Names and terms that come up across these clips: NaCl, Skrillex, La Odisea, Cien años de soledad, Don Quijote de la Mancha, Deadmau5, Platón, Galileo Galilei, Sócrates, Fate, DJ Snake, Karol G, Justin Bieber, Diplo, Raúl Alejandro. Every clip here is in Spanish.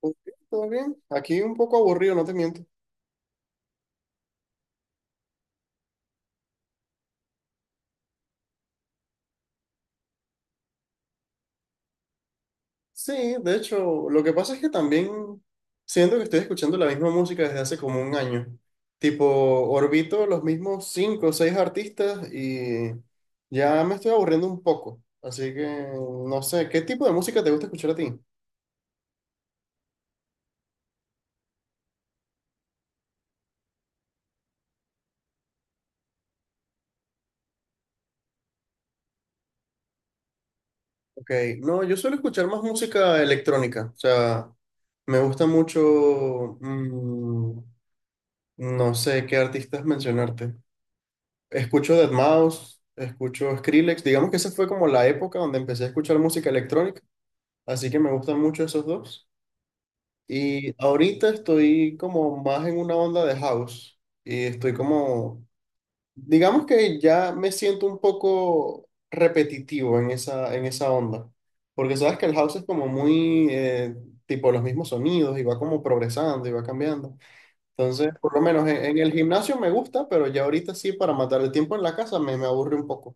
Ok, ¿todo bien? Aquí un poco aburrido, no te miento. Sí, de hecho, lo que pasa es que también siento que estoy escuchando la misma música desde hace como un año. Tipo, orbito los mismos cinco o seis artistas y ya me estoy aburriendo un poco. Así que, no sé, ¿qué tipo de música te gusta escuchar a ti? Ok, no, yo suelo escuchar más música electrónica. O sea, me gusta mucho, no sé qué artistas mencionarte. Escucho Deadmau5, escucho Skrillex. Digamos que esa fue como la época donde empecé a escuchar música electrónica, así que me gustan mucho esos dos. Y ahorita estoy como más en una onda de house y estoy como, digamos que ya me siento un poco repetitivo en esa onda, porque sabes que el house es como muy tipo los mismos sonidos y va como progresando y va cambiando. Entonces, por lo menos en el gimnasio me gusta, pero ya ahorita sí, para matar el tiempo en la casa me aburre un poco.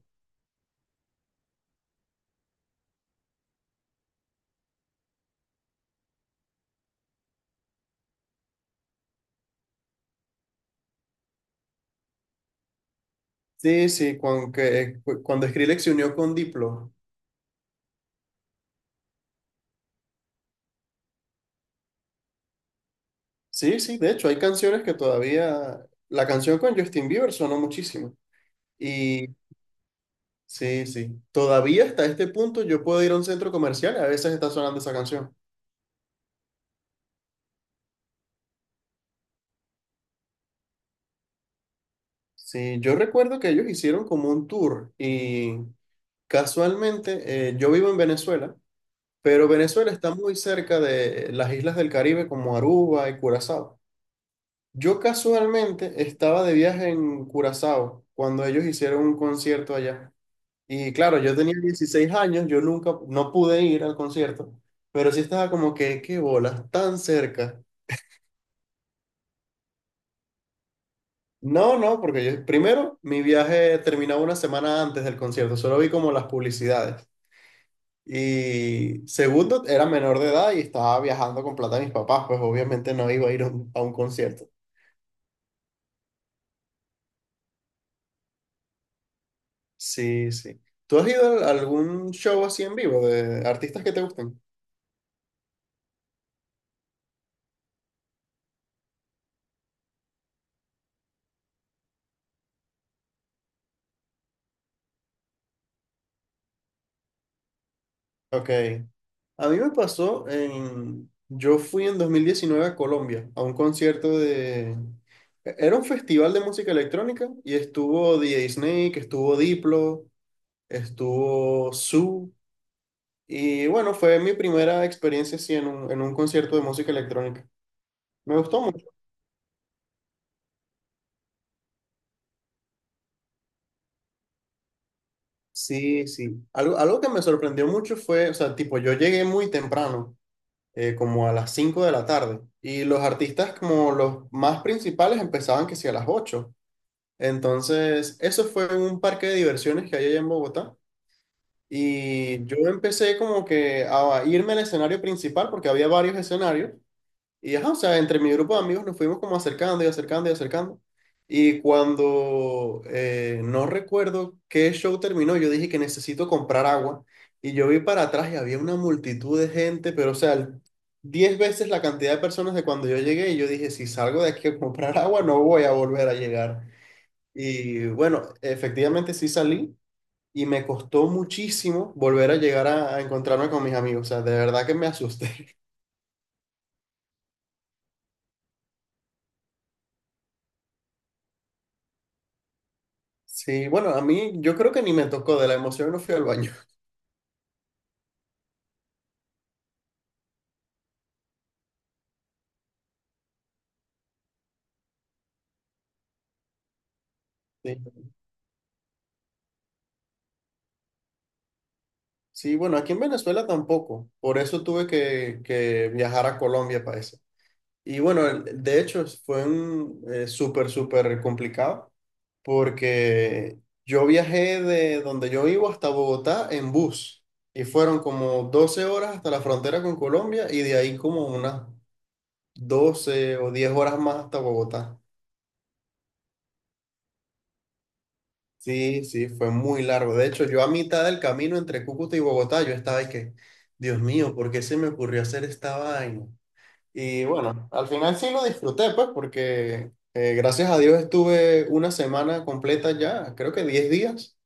Sí, sí, cuando Skrillex se unió con Diplo. Sí, sí, de hecho, hay canciones que todavía. La canción con Justin Bieber sonó muchísimo. Y sí, sí, todavía hasta este punto yo puedo ir a un centro comercial y a veces está sonando esa canción. Sí, yo recuerdo que ellos hicieron como un tour y casualmente yo vivo en Venezuela, pero Venezuela está muy cerca de las islas del Caribe como Aruba y Curazao. Yo casualmente estaba de viaje en Curazao cuando ellos hicieron un concierto allá. Y claro, yo tenía 16 años, yo nunca, no pude ir al concierto, pero sí estaba como que, qué bolas, tan cerca. No, no, porque yo, primero, mi viaje terminaba una semana antes del concierto, solo vi como las publicidades. Y segundo, era menor de edad y estaba viajando con plata de mis papás, pues obviamente no iba a ir a un concierto. Sí, sí. ¿Tú has ido a algún show así en vivo de artistas que te gustan? Ok. A mí me pasó en. Yo fui en 2019 a Colombia a un concierto de. Era un festival de música electrónica y estuvo DJ Snake, estuvo Diplo, estuvo Su. Y bueno, fue mi primera experiencia así en un concierto de música electrónica. Me gustó mucho. Sí, sí. Algo que me sorprendió mucho fue, o sea, tipo, yo llegué muy temprano. Como a las 5 de la tarde. Y los artistas como los más principales empezaban que sí a las 8. Entonces, eso fue en un parque de diversiones que hay allá en Bogotá. Y yo empecé como que a irme al escenario principal porque había varios escenarios. Y ajá, o sea, entre mi grupo de amigos nos fuimos como acercando y acercando y acercando. Y cuando no recuerdo qué show terminó, yo dije que necesito comprar agua. Y yo vi para atrás y había una multitud de gente, pero o sea, 10 veces la cantidad de personas de cuando yo llegué. Y yo dije, si salgo de aquí a comprar agua, no voy a volver a llegar. Y bueno, efectivamente sí salí y me costó muchísimo volver a llegar a encontrarme con mis amigos. O sea, de verdad que me asusté. Sí, bueno, a mí yo creo que ni me tocó, de la emoción no fui al baño. Sí, sí, bueno, aquí en Venezuela tampoco, por eso tuve que viajar a Colombia para eso. Y bueno, de hecho fue un súper, súper complicado porque yo viajé de donde yo vivo hasta Bogotá en bus y fueron como 12 horas hasta la frontera con Colombia y de ahí como unas 12 o 10 horas más hasta Bogotá. Sí, sí, fue muy largo. De hecho, yo a mitad del camino entre Cúcuta y Bogotá, yo estaba y que, Dios mío, ¿por qué se me ocurrió hacer esta vaina? Y bueno, al final sí lo disfruté, pues, porque gracias a Dios estuve una semana completa ya, creo que 10 días.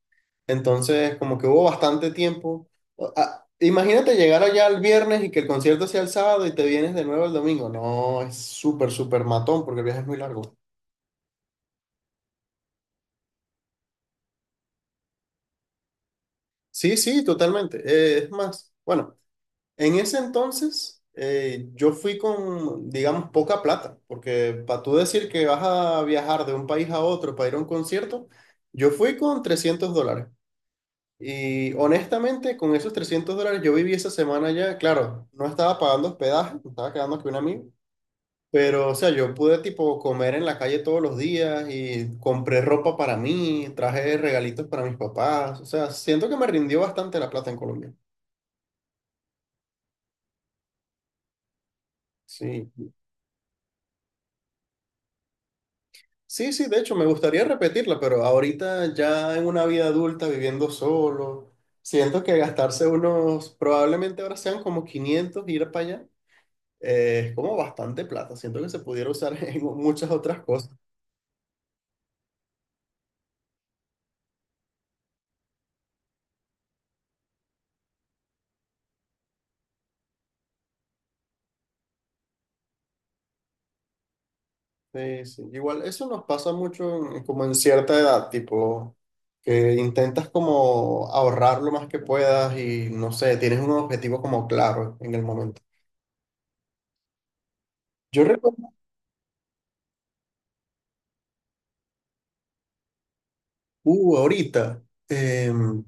Entonces, como que hubo bastante tiempo. Imagínate llegar allá el viernes y que el concierto sea el sábado y te vienes de nuevo el domingo. No, es súper, súper matón porque el viaje es muy largo. Sí, sí, totalmente. Es más, bueno. En ese entonces, yo fui con, digamos, poca plata, porque para tú decir que vas a viajar de un país a otro para ir a un concierto, yo fui con $300. Y honestamente, con esos $300 yo viví esa semana ya, claro, no estaba pagando hospedaje, me estaba quedando con un amigo, pero o sea, yo pude tipo comer en la calle todos los días y compré ropa para mí, traje regalitos para mis papás, o sea, siento que me rindió bastante la plata en Colombia. Sí. Sí, sí, de hecho me gustaría repetirla, pero ahorita ya en una vida adulta viviendo solo, siento que gastarse unos, probablemente ahora sean como 500 ir para allá, es como bastante plata, siento que se pudiera usar en muchas otras cosas. Sí, sí. Igual eso nos pasa mucho como en cierta edad, tipo que intentas como ahorrar lo más que puedas y no sé, tienes un objetivo como claro en el momento. Yo recuerdo, ahorita. em,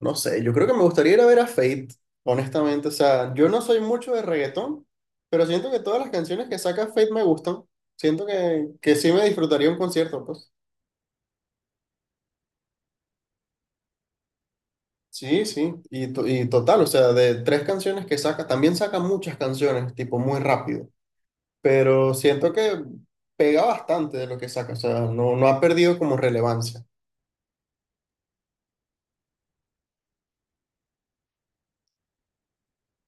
No sé, yo creo que me gustaría ir a ver a Fate, honestamente. O sea, yo no soy mucho de reggaetón, pero siento que todas las canciones que saca Fate me gustan. Siento que sí me disfrutaría un concierto, pues. Sí, sí. Y total, o sea, de tres canciones que saca, también saca muchas canciones, tipo muy rápido. Pero siento que pega bastante de lo que saca, o sea, no, no ha perdido como relevancia.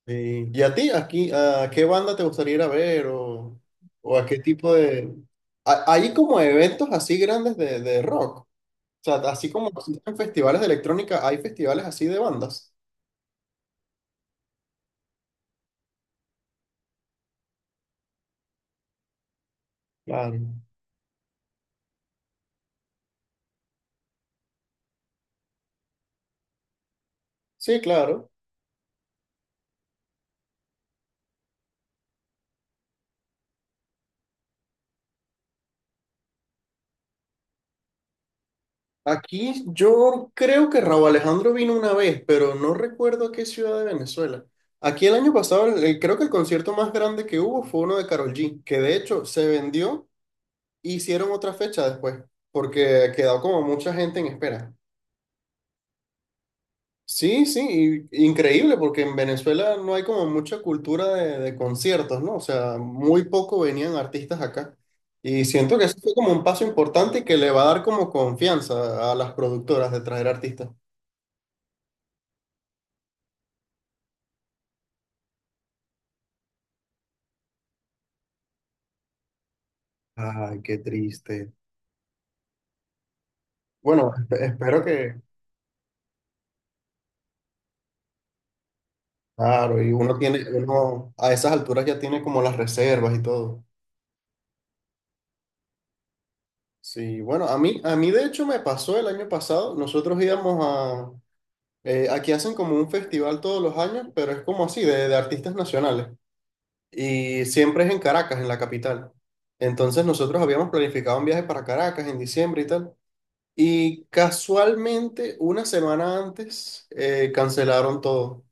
Sí. ¿Y a ti, aquí, a qué banda te gustaría ir a ver o a qué tipo de. Hay como eventos así grandes de rock. O sea, así como existen festivales de electrónica, hay festivales así de bandas. Claro. Sí, claro. Aquí yo creo que Raúl Alejandro vino una vez, pero no recuerdo a qué ciudad de Venezuela. Aquí el año pasado, creo que el concierto más grande que hubo fue uno de Karol G, que de hecho se vendió e hicieron otra fecha después, porque quedó como mucha gente en espera. Sí, sí, increíble porque en Venezuela no hay como mucha cultura de conciertos, ¿no? O sea, muy poco venían artistas acá. Y siento que eso fue como un paso importante y que le va a dar como confianza a las productoras de traer artistas. Ay, qué triste. Bueno, espero que, claro, y uno tiene, uno a esas alturas ya tiene como las reservas y todo. Sí, bueno, a mí de hecho me pasó el año pasado, nosotros íbamos. Aquí hacen como un festival todos los años, pero es como así, de artistas nacionales. Y siempre es en Caracas, en la capital. Entonces nosotros habíamos planificado un viaje para Caracas en diciembre y tal. Y casualmente, una semana antes, cancelaron todo.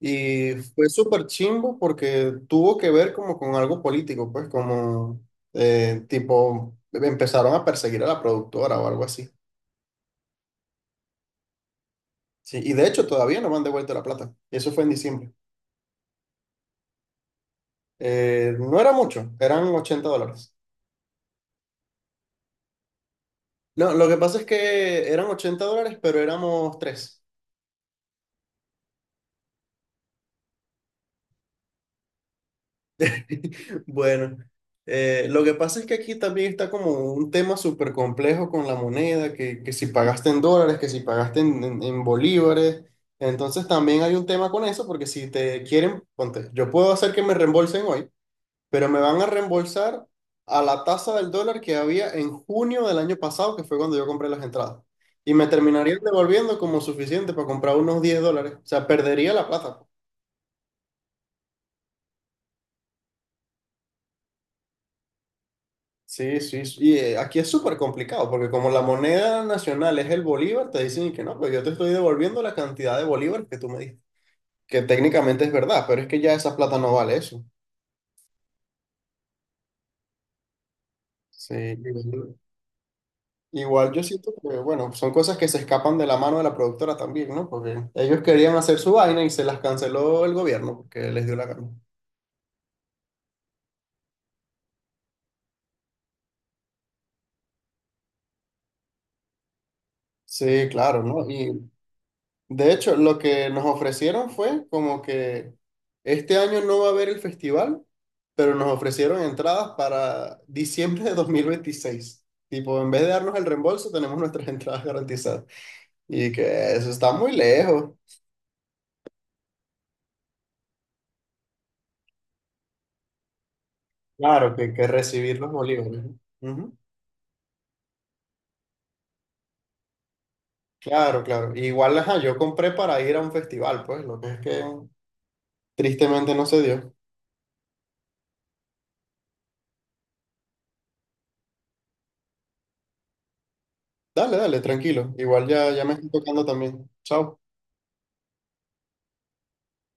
Y fue súper chimbo porque tuvo que ver como con algo político, pues como tipo, empezaron a perseguir a la productora o algo así. Sí, y de hecho todavía no me han devuelto la plata. Eso fue en diciembre. No era mucho, eran $80. No, lo que pasa es que eran $80, pero éramos tres. Bueno, lo que pasa es que aquí también está como un tema súper complejo con la moneda, que si pagaste en dólares, que si pagaste en bolívares. Entonces también hay un tema con eso, porque si te quieren, ponte, yo puedo hacer que me reembolsen hoy, pero me van a reembolsar a la tasa del dólar que había en junio del año pasado, que fue cuando yo compré las entradas. Y me terminarían devolviendo como suficiente para comprar unos $10. O sea, perdería la plata. Sí, sí, sí. Y aquí es súper complicado porque como la moneda nacional es el bolívar, te dicen que no, pero yo te estoy devolviendo la cantidad de bolívar que tú me diste, que técnicamente es verdad, pero es que ya esa plata no vale eso. Sí, igual yo siento que, bueno, son cosas que se escapan de la mano de la productora también, ¿no? Porque ellos querían hacer su vaina y se las canceló el gobierno porque les dio la gana. Sí, claro, ¿no? Y de hecho, lo que nos ofrecieron fue como que este año no va a haber el festival, pero nos ofrecieron entradas para diciembre de 2026. Tipo, en vez de darnos el reembolso, tenemos nuestras entradas garantizadas. Y que eso está muy lejos. Claro, que recibir los bolívares. ¿No? Ujú. Claro, claro. Igual, ajá, yo compré para ir a un festival, pues, lo que es que tristemente no se dio. Dale, dale, tranquilo. Igual ya, ya me estoy tocando también. Chao.